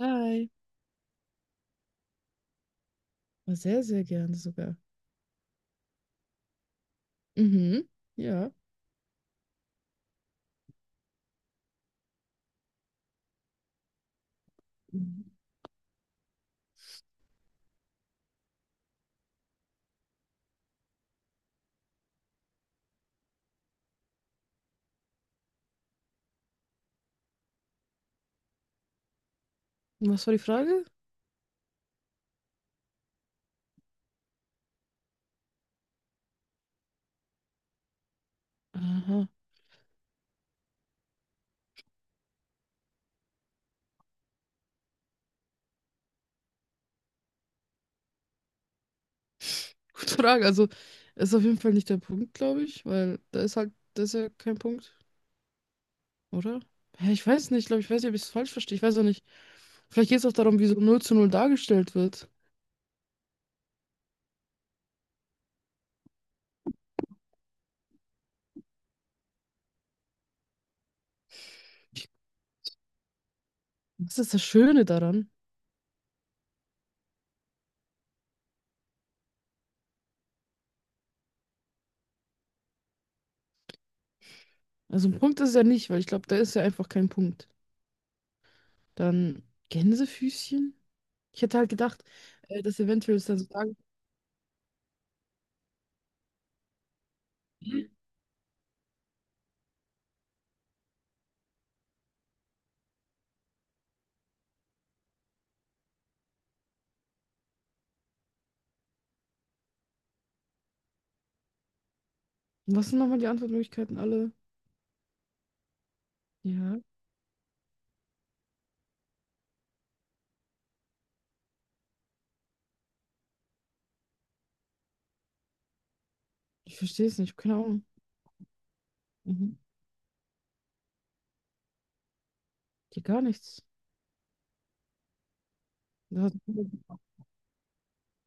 Hi. Aber sehr, sehr gerne sogar. Mhm. Ja. Mhm. Was war die Frage? Aha. Gute Frage. Also, ist auf jeden Fall nicht der Punkt, glaube ich, weil da ist halt, das ist ja kein Punkt, oder? Ja, ich weiß nicht, glaube ich, weiß nicht, ob ich es falsch verstehe. Ich weiß auch nicht. Vielleicht geht es auch darum, wie so null zu null dargestellt wird. Das ist das Schöne daran. Also, ein Punkt ist es ja nicht, weil ich glaube, da ist ja einfach kein Punkt. Dann Gänsefüßchen? Ich hätte halt gedacht, dass eventuell es dann so sagen. Was sind nochmal die Antwortmöglichkeiten alle? Ja. Ich verstehe es nicht, keine Ahnung. Mhm. Die gar nichts. Ja,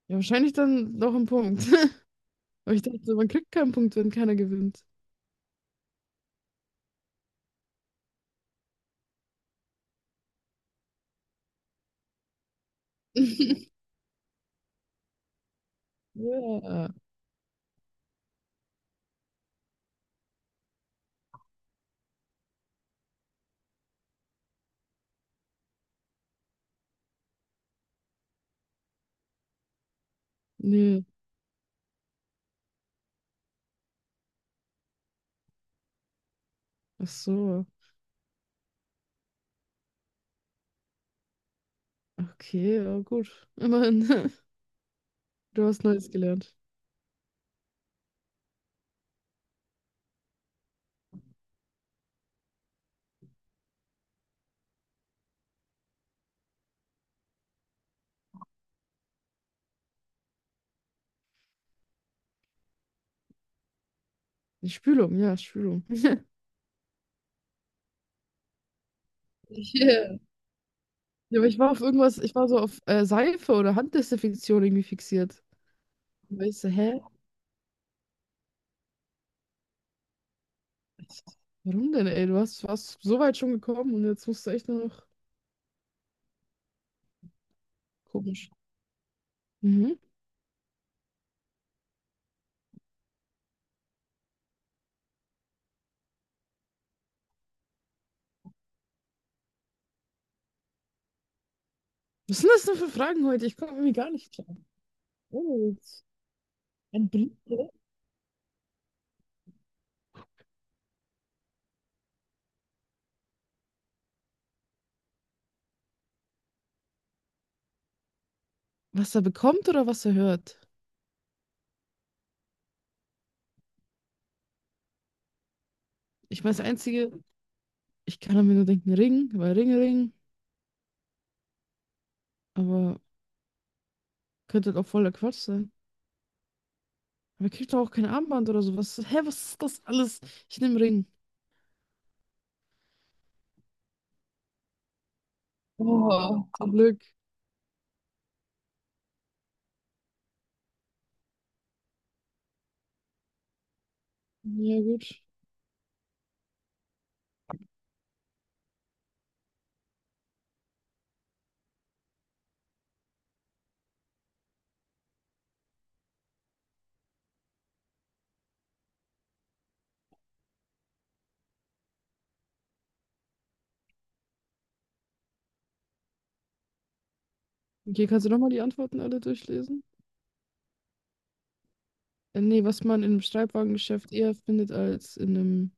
ja, wahrscheinlich dann noch ein Punkt. Aber ich dachte, so, man kriegt keinen Punkt, wenn keiner gewinnt. Ja, nee. Ach so. Okay, ja, gut. Immerhin, du hast Neues gelernt. Die Spülung, ja, Spülung. Yeah. Ja, aber ich war auf irgendwas, ich war so auf Seife oder Handdesinfektion irgendwie fixiert. Und ich so, hä? Warum denn, ey? Du warst so weit schon gekommen und jetzt musst du echt nur noch. Komisch. Mhm. Was sind das denn für Fragen heute? Ich komme irgendwie gar nicht klar. Oh, jetzt ein Brite. Was er bekommt oder was er hört? Ich meine, das Einzige, ich kann mir nur denken, Ring, weil Ring, Ring, aber könnte halt auch voller Quatsch sein. Aber er kriegt doch auch kein Armband oder sowas. Hä, was ist das alles? Ich nehme Ring. Oh, zum Glück. Ja, gut. Okay, kannst du nochmal die Antworten alle durchlesen? Nee, was man in einem Streitwagengeschäft eher findet als in einem.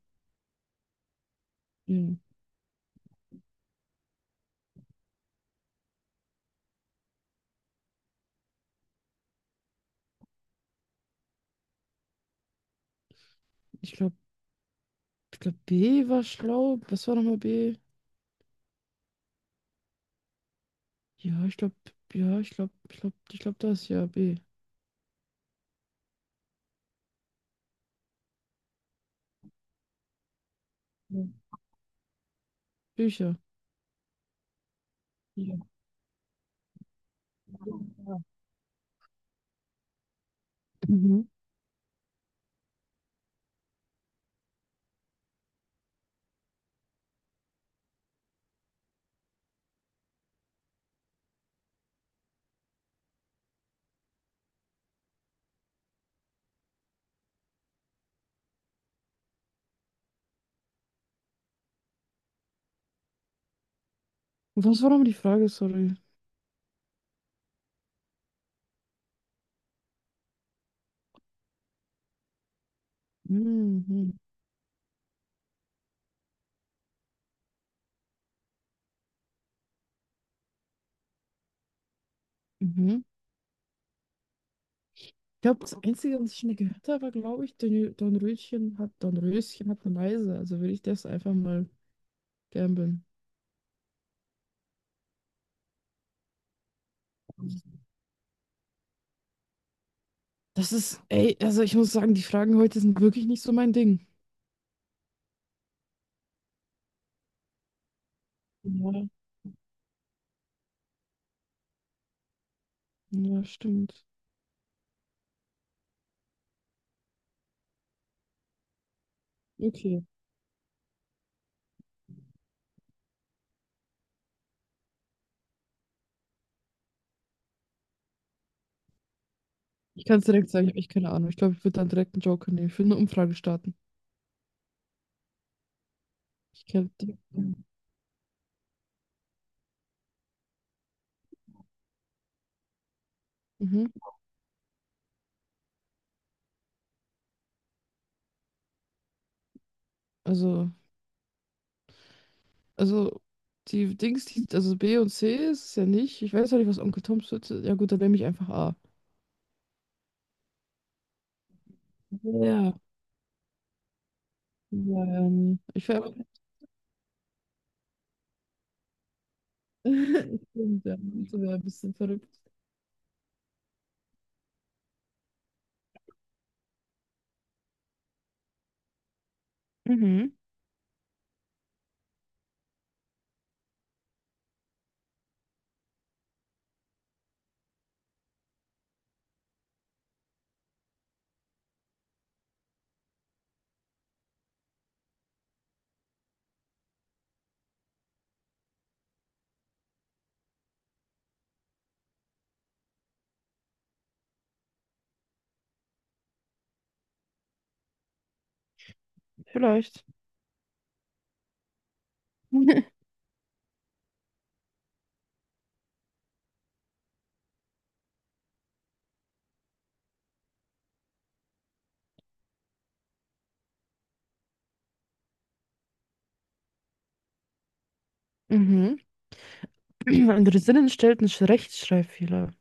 Ja, ich glaube, ich glaub, B war schlau. Was war nochmal B? Ja, ich glaube, ja, ich glaube, ich glaube das, ja, B. Ja. Bücher. Ja. Mhm. Was war nochmal die Frage, sorry? Mhm. Mhm. Ich glaube, das Einzige, was ich schon gehört habe, war, glaube ich, Don Röschen hat eine Meise. Also würde ich das einfach mal gamblen. Das ist, ey, also ich muss sagen, die Fragen heute sind wirklich nicht so mein Ding. Ja, ja, stimmt. Okay. Ich kann es direkt sagen, ich habe echt keine Ahnung. Ich glaube, ich würde dann direkt einen Joker nehmen. Ich würde eine Umfrage starten. Ich kann direkt. Mhm. Also. Also, die Dings, die, also B und C ist es ja nicht. Ich weiß ja nicht, was Onkel Toms Pizza ist. Ja, gut, dann nehme ich einfach A. Ja, ja, ja, nee. Ich wäre. Stimmt, ja. Das wäre ein bisschen verrückt. Mhm, vielleicht. Mhm. Ein Drinnen stellt einen Rechtschreibfehler.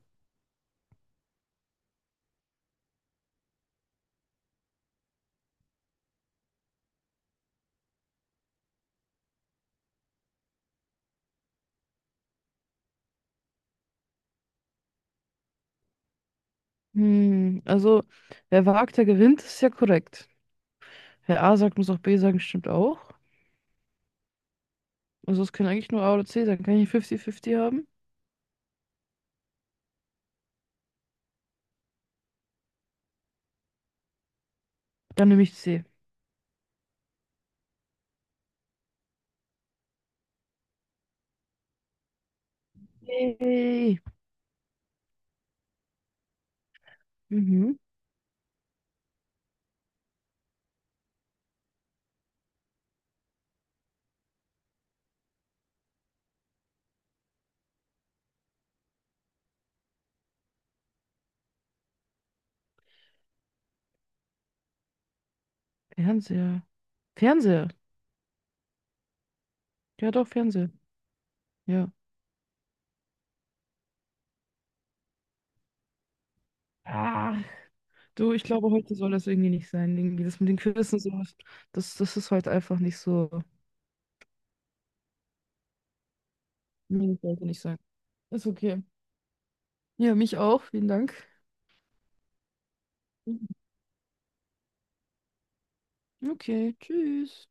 Hm, also, wer wagt, der gewinnt, ist ja korrekt. Wer A sagt, muss auch B sagen, stimmt auch. Also, es kann eigentlich nur A oder C sein. Kann ich 50-50 haben? Dann nehme ich C. Yay. Mhm. Fernseher. Fernseher. Ja, doch, Fernseher. Ja. Ah, du, ich glaube, heute soll das irgendwie nicht sein. Irgendwie das mit den Quiz und sowas. Das ist heute einfach nicht so. Nee, das sollte nicht sein. Ist okay. Ja, mich auch. Vielen Dank. Mhm. Okay, tschüss.